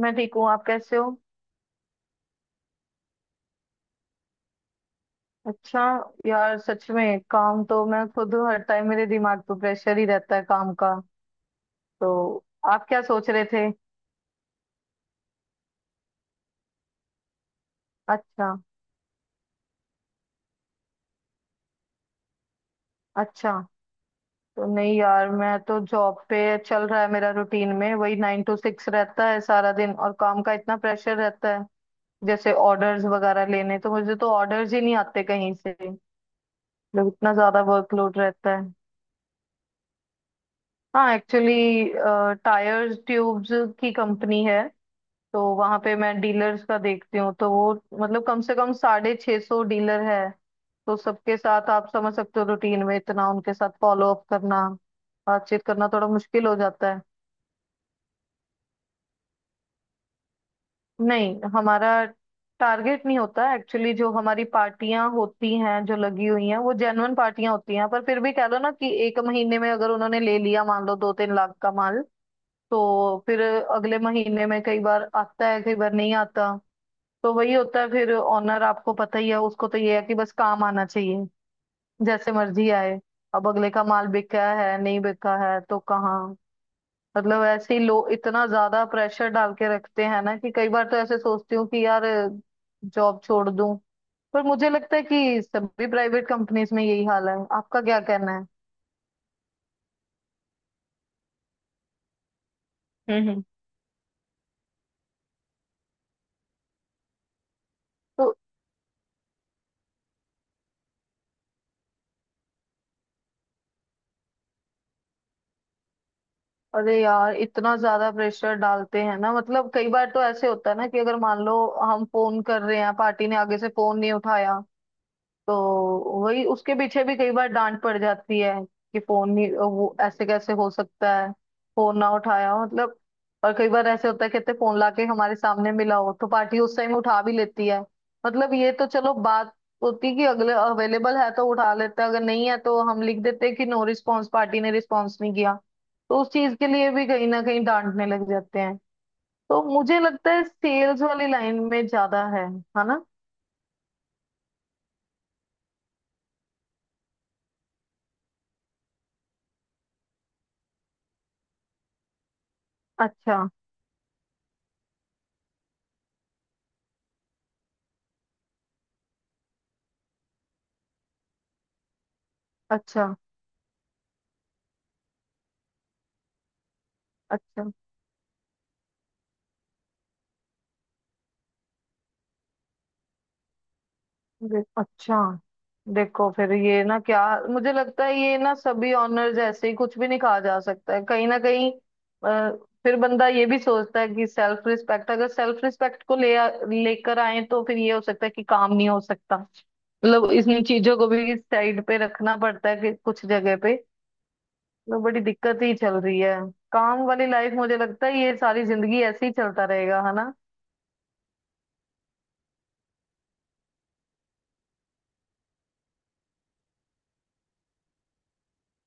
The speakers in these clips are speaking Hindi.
मैं ठीक हूँ। आप कैसे हो? अच्छा। यार सच में काम तो मैं खुद हूँ, हर टाइम मेरे दिमाग पे प्रेशर ही रहता है काम का। तो आप क्या सोच रहे थे? अच्छा। अच्छा। तो नहीं यार, मैं तो जॉब पे चल रहा है, मेरा रूटीन में वही 9 to 6 रहता है सारा दिन, और काम का इतना प्रेशर रहता है, जैसे ऑर्डर्स वगैरह लेने, तो मुझे तो ऑर्डर्स ही नहीं आते कहीं से। मतलब इतना ज्यादा वर्कलोड रहता है। हाँ एक्चुअली, टायर्स ट्यूब्स की कंपनी है, तो वहां पे मैं डीलर्स का देखती हूँ, तो वो, मतलब कम से कम 650 डीलर है। तो सबके साथ आप समझ सकते हो, रूटीन में इतना उनके साथ फॉलो अप करना, बातचीत करना थोड़ा मुश्किल हो जाता है। नहीं, हमारा टारगेट नहीं होता एक्चुअली, जो हमारी पार्टियां होती हैं जो लगी हुई हैं वो जेन्युइन पार्टियां होती हैं, पर फिर भी कह लो ना कि एक महीने में अगर उन्होंने ले लिया, मान लो 2-3 लाख का माल, तो फिर अगले महीने में कई बार आता है कई बार नहीं आता। तो वही होता है, फिर ऑनर आपको पता ही है उसको, तो ये है कि बस काम आना चाहिए, जैसे मर्जी आए। अब अगले का माल बिका है नहीं बिका है, तो कहाँ, मतलब ऐसे ही लोग इतना ज्यादा प्रेशर डाल के रखते हैं ना, कि कई बार तो ऐसे सोचती हूँ कि यार जॉब छोड़ दूं, पर मुझे लगता है कि सभी प्राइवेट कंपनीज में यही हाल है। आपका क्या कहना है? हम्म। हम्म। तो अरे यार, इतना ज्यादा प्रेशर डालते हैं ना, मतलब कई बार तो ऐसे होता है ना कि अगर मान लो हम फोन कर रहे हैं, पार्टी ने आगे से फोन नहीं उठाया, तो वही उसके पीछे भी कई बार डांट पड़ जाती है कि फोन नहीं, वो ऐसे कैसे हो सकता है फोन ना उठाया हो, मतलब। और कई बार ऐसे होता है कहते फोन लाके हमारे सामने मिला हो, तो पार्टी उस टाइम उठा भी लेती है। मतलब ये तो चलो बात होती कि अगले अवेलेबल है तो उठा लेते हैं, अगर नहीं है तो हम लिख देते हैं कि नो रिस्पॉन्स, पार्टी ने रिस्पॉन्स नहीं किया, तो उस चीज के लिए भी कहीं ना कहीं डांटने लग जाते हैं। तो मुझे लगता है सेल्स वाली लाइन में ज्यादा है ना? अच्छा। अच्छा। अच्छा। अच्छा। देखो, फिर ये ना क्या, मुझे लगता है ये ना सभी ऑनर्स ऐसे ही, कुछ भी नहीं कहा जा सकता है कहीं ना कहीं। अ, फिर बंदा ये भी सोचता है कि सेल्फ रिस्पेक्ट, अगर सेल्फ रिस्पेक्ट को लेकर आए तो फिर ये हो सकता है कि काम नहीं हो सकता, मतलब इन चीजों को भी साइड पे रखना पड़ता है कि कुछ जगह पे। तो बड़ी दिक्कत ही चल रही है काम वाली लाइफ, मुझे लगता है ये सारी जिंदगी ऐसे ही चलता रहेगा, है ना?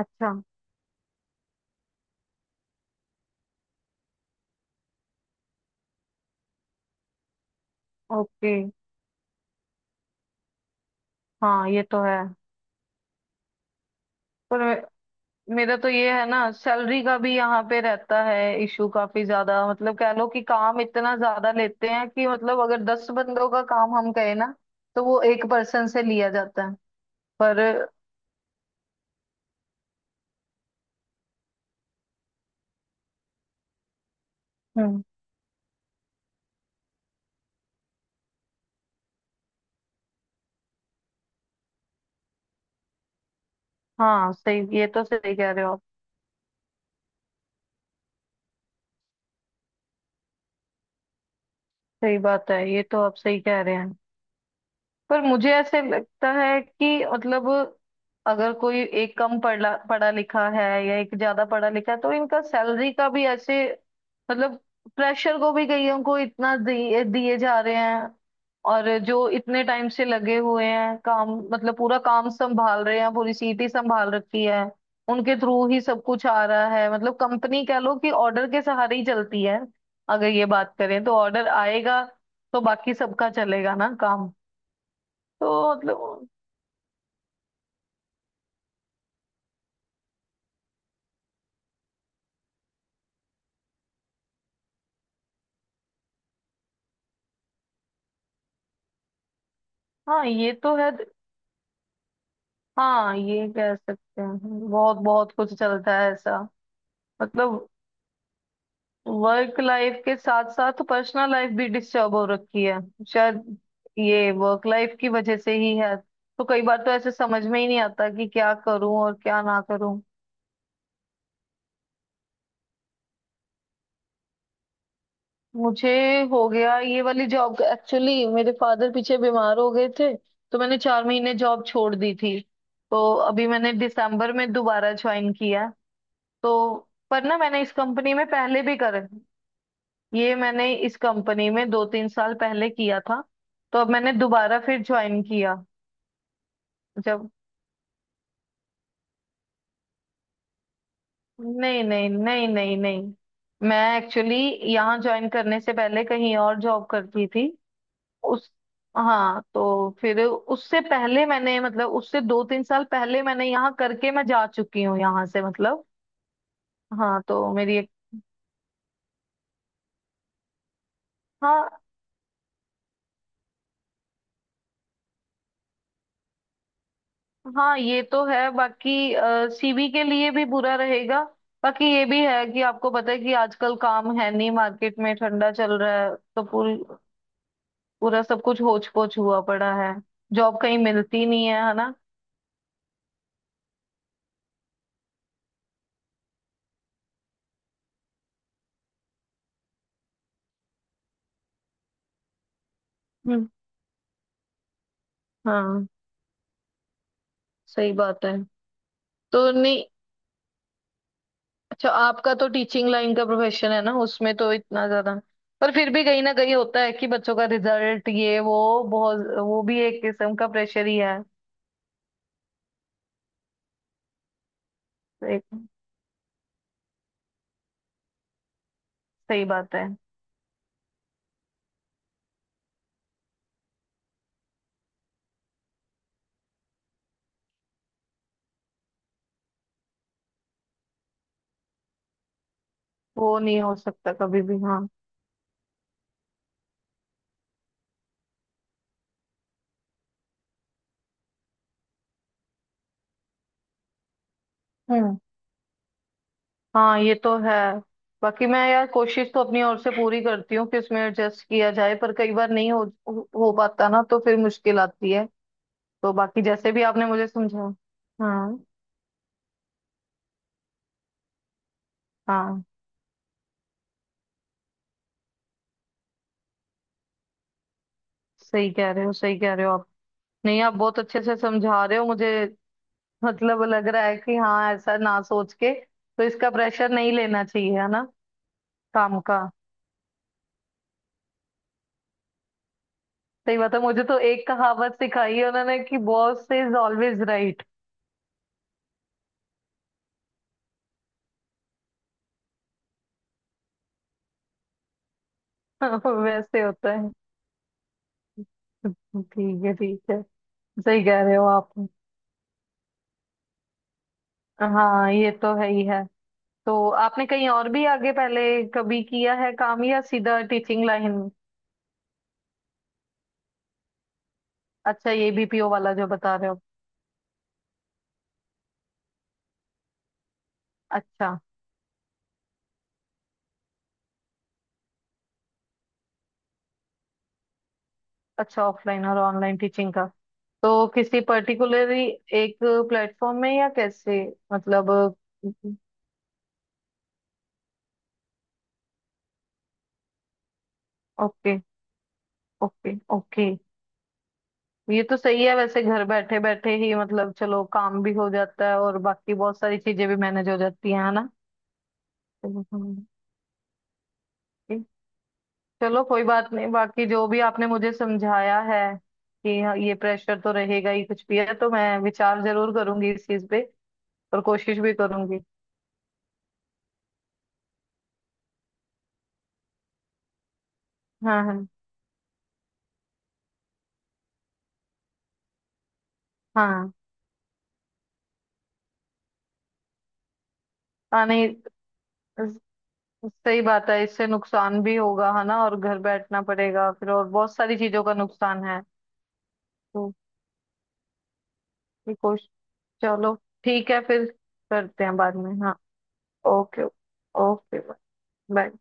अच्छा। ओके। हाँ ये तो है, पर। मेरा तो ये है ना, सैलरी का भी यहाँ पे रहता है इशू काफी ज्यादा, मतलब कह लो कि काम इतना ज्यादा लेते हैं कि, मतलब अगर 10 बंदों का काम हम कहें ना, तो वो एक पर्सन से लिया जाता है। पर। हम्म। हाँ सही, ये तो सही कह रहे हो आप। सही बात है, ये तो आप सही कह रहे हैं, पर मुझे ऐसे लगता है कि, मतलब अगर कोई एक कम पढ़ा पढ़ा लिखा है या एक ज्यादा पढ़ा लिखा है, तो इनका सैलरी का भी ऐसे, मतलब प्रेशर को भी कईयों को इतना दिए दिए जा रहे हैं, और जो इतने टाइम से लगे हुए हैं काम, मतलब पूरा काम संभाल रहे हैं, पूरी सीट ही संभाल रखी है, उनके थ्रू ही सब कुछ आ रहा है, मतलब कंपनी कह लो कि ऑर्डर के सहारे ही चलती है। अगर ये बात करें, तो ऑर्डर आएगा तो बाकी सबका चलेगा ना काम। तो मतलब, हाँ ये तो है। हाँ ये कह सकते हैं, बहुत बहुत कुछ चलता है ऐसा। मतलब वर्क लाइफ के साथ साथ पर्सनल लाइफ भी डिस्टर्ब हो रखी है शायद, ये वर्क लाइफ की वजह से ही है। तो कई बार तो ऐसे समझ में ही नहीं आता कि क्या करूं और क्या ना करूं। मुझे हो गया ये वाली जॉब, एक्चुअली मेरे फादर पीछे बीमार हो गए थे, तो मैंने 4 महीने जॉब छोड़ दी थी, तो अभी मैंने दिसंबर में दोबारा ज्वाइन किया। तो पर ना मैंने इस कंपनी में पहले भी कर, ये मैंने इस कंपनी में 2-3 साल पहले किया था, तो अब मैंने दोबारा फिर ज्वाइन किया। जब नहीं नहीं नहीं नहीं नहीं, मैं एक्चुअली यहाँ ज्वाइन करने से पहले कहीं और जॉब करती थी। उस हाँ तो फिर उससे पहले मैंने, मतलब उससे 2-3 साल पहले मैंने यहाँ करके मैं जा चुकी हूँ यहाँ से, मतलब। हाँ तो मेरी एक, हाँ हाँ ये तो है बाकी, सीवी के लिए भी बुरा रहेगा, बाकी ये भी है कि आपको पता है कि आजकल काम है नहीं, मार्केट में ठंडा चल रहा है, तो पूरी पूरा सब कुछ होच पोच हुआ पड़ा है, जॉब कहीं मिलती नहीं है, है ना? हम्म। हाँ सही बात है। तो नहीं, अच्छा आपका तो टीचिंग लाइन का प्रोफेशन है ना, उसमें तो इतना ज्यादा, पर फिर भी कहीं ना कहीं होता है कि बच्चों का रिजल्ट ये वो, बहुत वो भी एक किस्म का प्रेशर ही है। एक, सही बात है। वो नहीं हो सकता कभी भी, हाँ। हम्म। हाँ ये तो है, बाकी मैं यार कोशिश तो अपनी ओर से पूरी करती हूँ कि उसमें एडजस्ट किया जाए, पर कई बार नहीं हो पाता ना, तो फिर मुश्किल आती है। तो बाकी जैसे भी आपने मुझे समझाया, हाँ हाँ, सही कह रहे हो सही कह रहे हो आप। नहीं, आप बहुत अच्छे से समझा रहे हो मुझे। मतलब लग रहा है कि हाँ, ऐसा ना सोच के, तो इसका प्रेशर नहीं लेना चाहिए, है ना? काम का। सही बात है, मुझे तो एक कहावत सिखाई है उन्होंने कि बॉस इज ऑलवेज राइट। हाँ, वैसे होता है। ठीक है ठीक है, सही कह रहे हो आप। हाँ ये तो है ही है। तो आपने कहीं और भी आगे पहले कभी किया है काम या सीधा टीचिंग लाइन? अच्छा, ये बीपीओ वाला जो बता रहे हो। अच्छा अच्छा, ऑफलाइन और ऑनलाइन टीचिंग का। तो किसी पर्टिकुलरली एक प्लेटफॉर्म में या कैसे, मतलब। ओके ओके ओके, ये तो सही है वैसे, घर बैठे बैठे ही मतलब चलो काम भी हो जाता है, और बाकी बहुत सारी चीजें भी मैनेज हो जाती हैं, है ना? हम्म। हम्म। चलो कोई बात नहीं, बाकी जो भी आपने मुझे समझाया है कि हाँ, ये प्रेशर तो रहेगा ही कुछ भी है, तो मैं विचार जरूर करूंगी इस चीज पे और कोशिश भी करूंगी। हाँ हाँ। हाँ हाँ नहीं, स- सही बात है, इससे नुकसान भी होगा है ना, और घर बैठना पड़ेगा फिर, और बहुत सारी चीजों का नुकसान है। तो ये कोश चलो ठीक है फिर, करते हैं बाद में, हाँ। ओके। ओके। बाय।